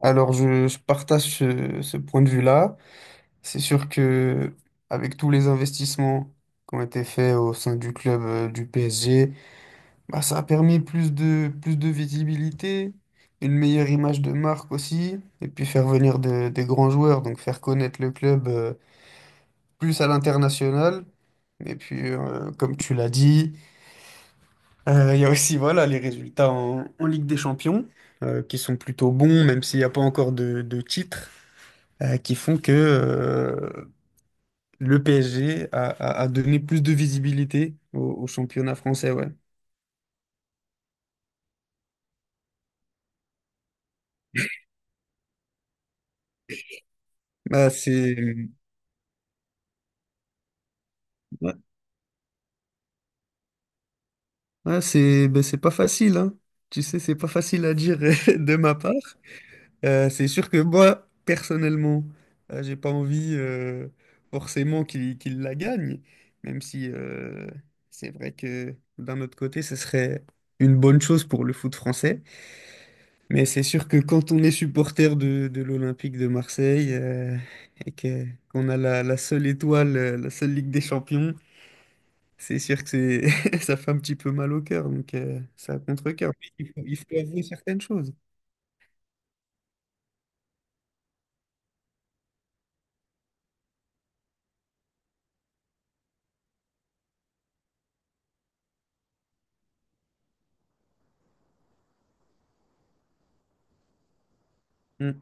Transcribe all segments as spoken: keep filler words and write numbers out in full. Alors, je, je partage ce, ce point de vue-là. C'est sûr que avec tous les investissements qui ont été faits au sein du club euh, du P S G, bah, ça a permis plus de, plus de visibilité, une meilleure image de marque aussi, et puis faire venir de- des grands joueurs, donc faire connaître le club euh, plus à l'international. Et puis, euh, comme tu l'as dit, euh, il y a aussi voilà, les résultats en, en Ligue des Champions, euh, qui sont plutôt bons, même s'il n'y a pas encore de, de titre, euh, qui font que euh, le P S G a, a- a donné plus de visibilité au, au championnat français, ouais. Bah, c'est ouais. Ouais, c'est ben, c'est pas facile, hein. Tu sais, c'est pas facile à dire de ma part. Euh, c'est sûr que moi, personnellement, euh, j'ai pas envie euh, forcément qu'il qu'il la gagne, même si euh, c'est vrai que d'un autre côté, ce serait une bonne chose pour le foot français. Mais c'est sûr que quand on est supporter de, de l'Olympique de Marseille euh, et que, qu'on a la, la seule étoile, euh, la seule Ligue des Champions, c'est sûr que c'est, ça fait un petit peu mal au cœur, donc euh, ça contre-cœur. Mais Il faut, il faut avouer certaines choses. Mm.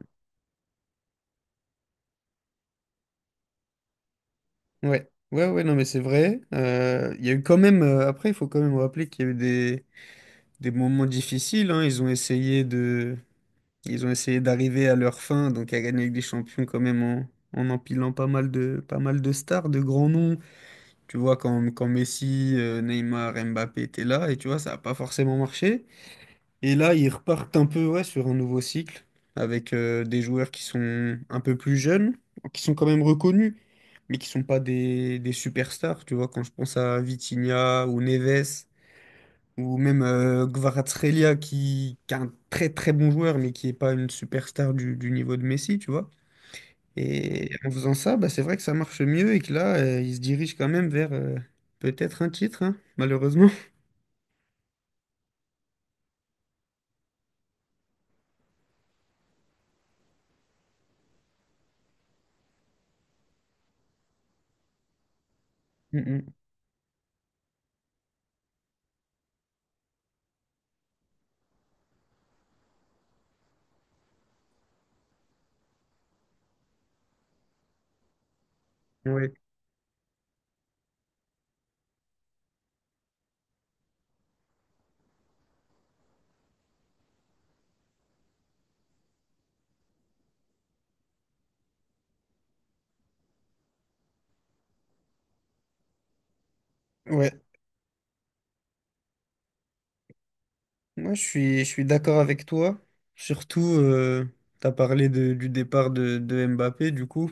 Ouais, ouais, ouais, non, mais c'est vrai. Euh, Il y a eu quand même, euh, après, il faut quand même rappeler qu'il y a eu des, des moments difficiles, hein. Ils ont essayé de, ils ont essayé d'arriver à leur fin, donc à gagner avec des champions quand même en, en empilant pas mal de, pas mal de stars, de grands noms. Tu vois, quand, quand Messi, euh, Neymar, Mbappé étaient là, et tu vois, ça n'a pas forcément marché. Et là, ils repartent un peu ouais, sur un nouveau cycle, avec euh, des joueurs qui sont un peu plus jeunes, qui sont quand même reconnus, mais qui sont pas des, des superstars. Tu vois, quand je pense à Vitinha ou Neves, ou même euh, Kvaratskhelia, qui, qui est un très très bon joueur, mais qui n'est pas une superstar du, du niveau de Messi, tu vois. Et en faisant ça, bah, c'est vrai que ça marche mieux et que là, euh, il se dirige quand même vers euh, peut-être un titre, hein, malheureusement. Mm, mm. Ouais. Ouais. Moi, je suis, je suis d'accord avec toi. Surtout, tu as parlé de- du départ de, de Mbappé, du coup.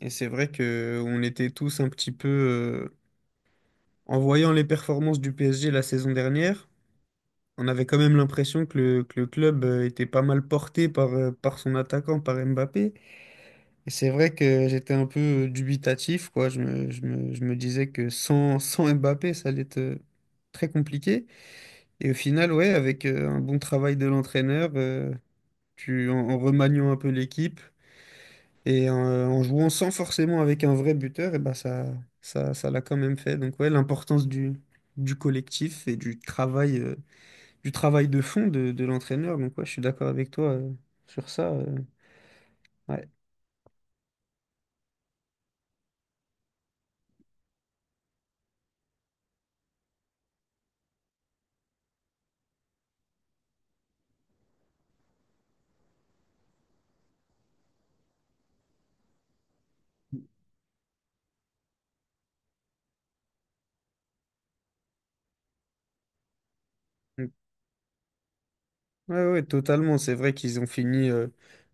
Et c'est vrai que on était tous un petit peu euh, en voyant les performances du P S G la saison dernière, on avait quand même l'impression que le, que le club euh, était pas mal porté par, euh, par son attaquant, par Mbappé. Et c'est vrai que j'étais un peu dubitatif, quoi. Je me, je me- je me disais que sans, sans Mbappé, ça allait être euh, très compliqué. Et au final, ouais, avec euh, un bon travail de l'entraîneur, euh, tu, en, en remaniant un peu l'équipe et en, euh, en jouant sans forcément avec un vrai buteur, et ben ça, ça, ça l'a quand même fait. Donc ouais, l'importance du, du collectif et du travail, euh, du travail de fond de, de l'entraîneur. Donc ouais, je suis d'accord avec toi, euh, sur ça. Euh, ouais. Ouais, ouais, totalement. C'est vrai qu'ils ont fini, euh,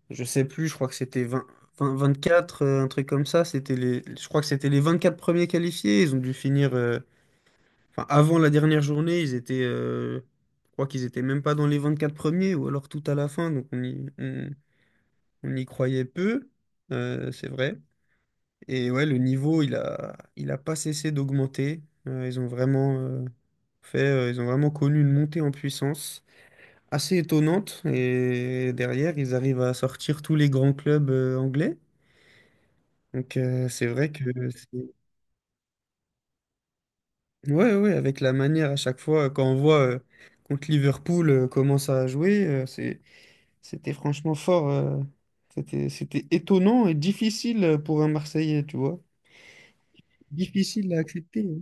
je sais plus, je crois que c'était vingt vingt vingt-quatre, euh, un truc comme ça. C'était les, je crois que c'était les vingt-quatre premiers qualifiés. Ils ont dû finir, euh, enfin, avant la dernière journée, ils étaient, euh, je crois qu'ils étaient même pas dans les vingt-quatre premiers ou alors tout à la fin. Donc on y, on, on y croyait peu, euh, c'est vrai. Et ouais, le niveau, il a, il a pas cessé d'augmenter. Euh, ils ont vraiment, euh, fait, euh, ils ont vraiment connu une montée en puissance assez étonnante. Et derrière, ils arrivent à sortir tous les grands clubs euh, anglais. Donc euh, c'est vrai que c'est- ouais ouais avec la manière à chaque fois quand on voit euh, contre Liverpool euh, comment ça a joué, euh, c'est c'était franchement fort. euh, c'était c'était étonnant et difficile pour un Marseillais, tu vois. Difficile à accepter, hein.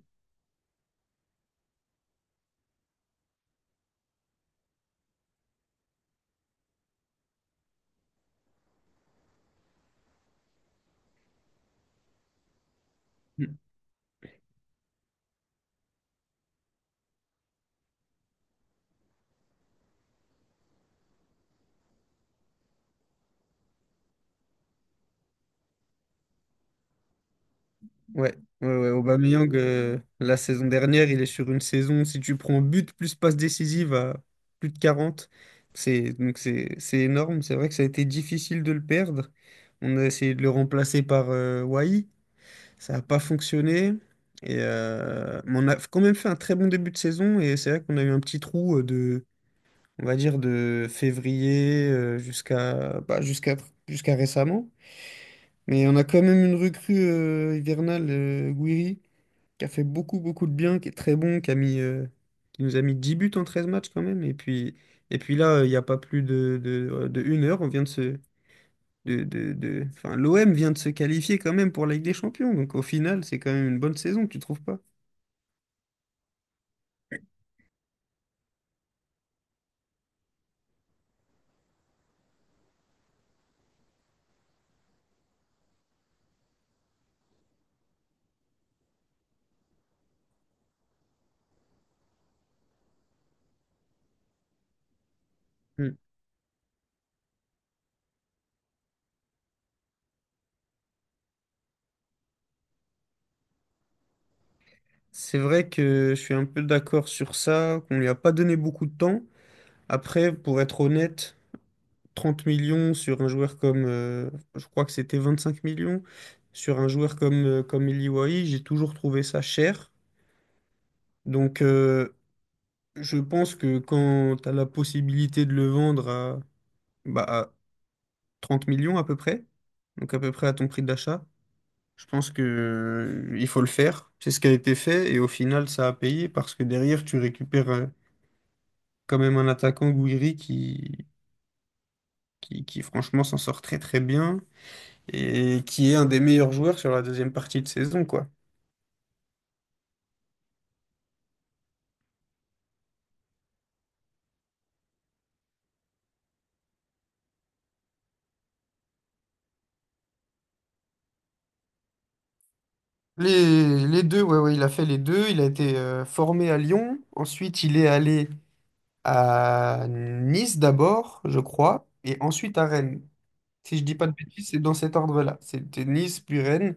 Ouais, ouais, ouais. Aubameyang, euh, la saison dernière, il est sur une saison, si tu prends but plus passe décisive à plus de quarante, c'est donc c'est c'est énorme. C'est vrai que ça a été difficile de le perdre. On a essayé de le remplacer par euh, Wai. Ça n'a pas fonctionné. Et, euh, mais on a quand même fait un très bon début de saison et c'est vrai qu'on a eu un petit trou euh, de, on va dire, de février euh, jusqu'à bah, jusqu'à jusqu'à récemment. Mais on a quand même une recrue euh, hivernale, euh, Guiri qui a fait beaucoup, beaucoup de bien, qui est très bon, qui a mis, euh, qui nous a mis dix buts en treize matchs quand même. Et puis, et puis là, il n'y a pas plus de, de, de une heure, on vient de se... De, de, de... Enfin, l'O M vient de se qualifier quand même pour la Ligue des Champions. Donc au final, c'est quand même une bonne saison, tu trouves pas? Mm. C'est vrai que je suis un peu d'accord sur ça, qu'on lui a pas donné beaucoup de temps. Après, pour être honnête, trente millions sur un joueur comme... euh, je crois que c'était vingt-cinq millions sur un joueur comme, euh, comme Eli Wahi, j'ai toujours trouvé ça cher. Donc, euh, je pense que quand tu as la possibilité de le vendre à, bah, à trente millions à peu près, donc à peu près à ton prix d'achat, je pense que, euh, il faut le faire. C'est ce qui a été fait et au final, ça a payé parce que derrière, tu récupères euh, quand même un attaquant Gouiri qui, qui, qui franchement s'en sort très très bien et qui est un des meilleurs joueurs sur la deuxième partie de saison, quoi. Les, les deux, ouais, ouais, il a fait les deux. Il a été euh, formé à Lyon. Ensuite, il est allé à Nice d'abord, je crois, et ensuite à Rennes. Si je dis pas de bêtises, c'est dans cet ordre-là. C'était Nice puis Rennes,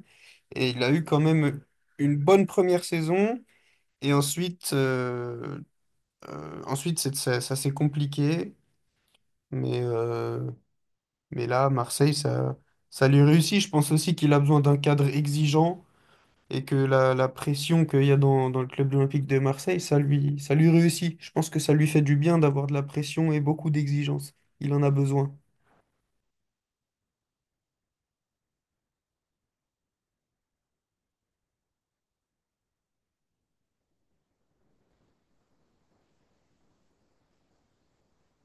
et il a eu quand même une bonne première saison, et ensuite, euh, euh, ensuite c'est- ça, ça s'est compliqué, mais, euh, mais là, Marseille, ça, ça lui réussit. Je pense aussi qu'il a besoin d'un cadre exigeant et que la, la pression qu'il y a dans, dans le club Olympique de Marseille, ça lui, ça lui réussit. Je pense que ça lui fait du bien d'avoir de la pression et beaucoup d'exigences. Il en a besoin.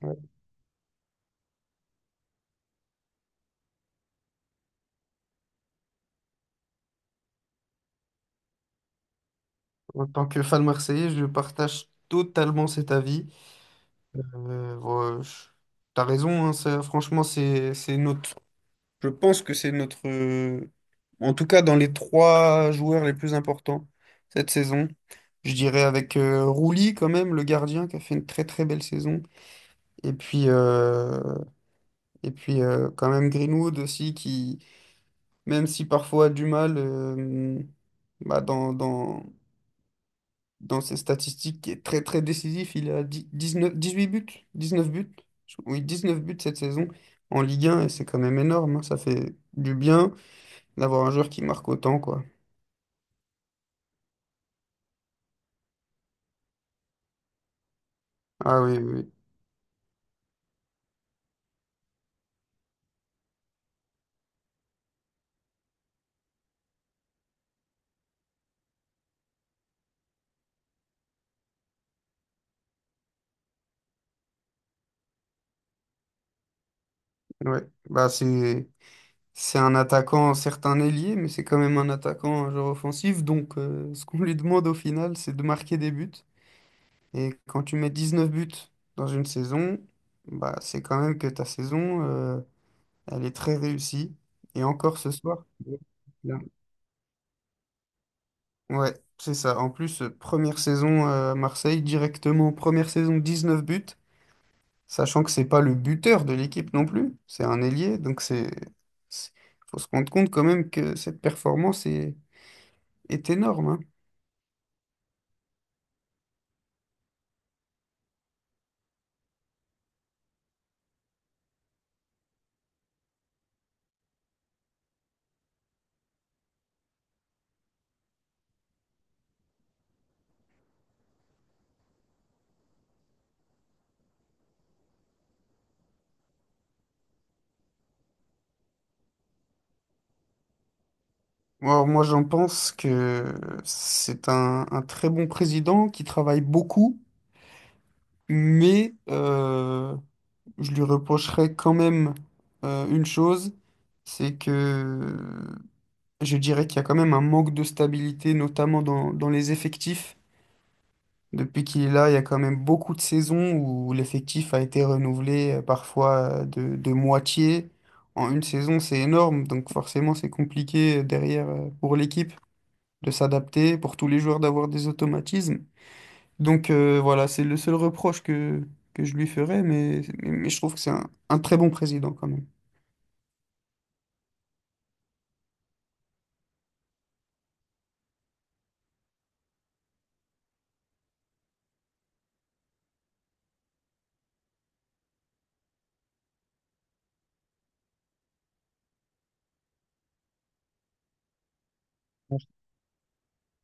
Ouais. En tant que fan marseillais, je partage totalement cet avis. Euh, bon, je- t'as raison, hein, ça, franchement, c'est, c'est notre, je pense que c'est notre, euh, en tout cas dans les trois joueurs les plus importants cette saison. Je dirais avec euh, Rouli quand même, le gardien, qui a fait une très très belle saison. Et puis, euh, Et puis euh, quand même Greenwood aussi qui, même si parfois a du mal euh, bah, dans, dans, dans ses statistiques, qui est très très décisif, il a dix- dix-neuf, dix-huit buts, dix-neuf buts, Je- oui, dix-neuf buts cette saison en Ligue un et c'est quand même énorme, hein. Ça fait du bien d'avoir un joueur qui marque autant quoi. Ah oui, oui, oui. Ouais. Bah, c'est, c'est un attaquant, certes un ailier, mais c'est quand même un attaquant, un joueur offensif, donc euh, ce qu'on lui demande au final, c'est de marquer des buts. Et quand tu mets dix-neuf buts dans une saison, bah, c'est quand même que ta saison, euh, elle est très réussie. Et encore ce soir. Là. Ouais, c'est ça. En plus, euh, première saison euh, à Marseille, directement, première saison dix-neuf buts, sachant que c'est pas le buteur de l'équipe non plus, c'est un ailier. Donc c'est, c'est- faut se rendre compte quand même que cette performance est, est énorme, hein. Alors, moi, j'en pense que c'est un, un très bon président qui travaille beaucoup. Mais euh, je lui reprocherais quand même euh, une chose, c'est que je dirais qu'il y a quand même un manque de stabilité, notamment dans, dans les effectifs. Depuis qu'il est là, il y a quand même beaucoup de saisons où l'effectif a été renouvelé euh, parfois euh, de, de moitié. En une saison, c'est énorme, donc forcément c'est compliqué euh, derrière euh, pour l'équipe de s'adapter, pour tous les joueurs d'avoir des automatismes. Donc euh, voilà, c'est le seul reproche que, que je lui ferais, mais, mais, mais je trouve que c'est un un très bon président quand même.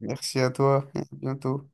Merci à toi, à bientôt.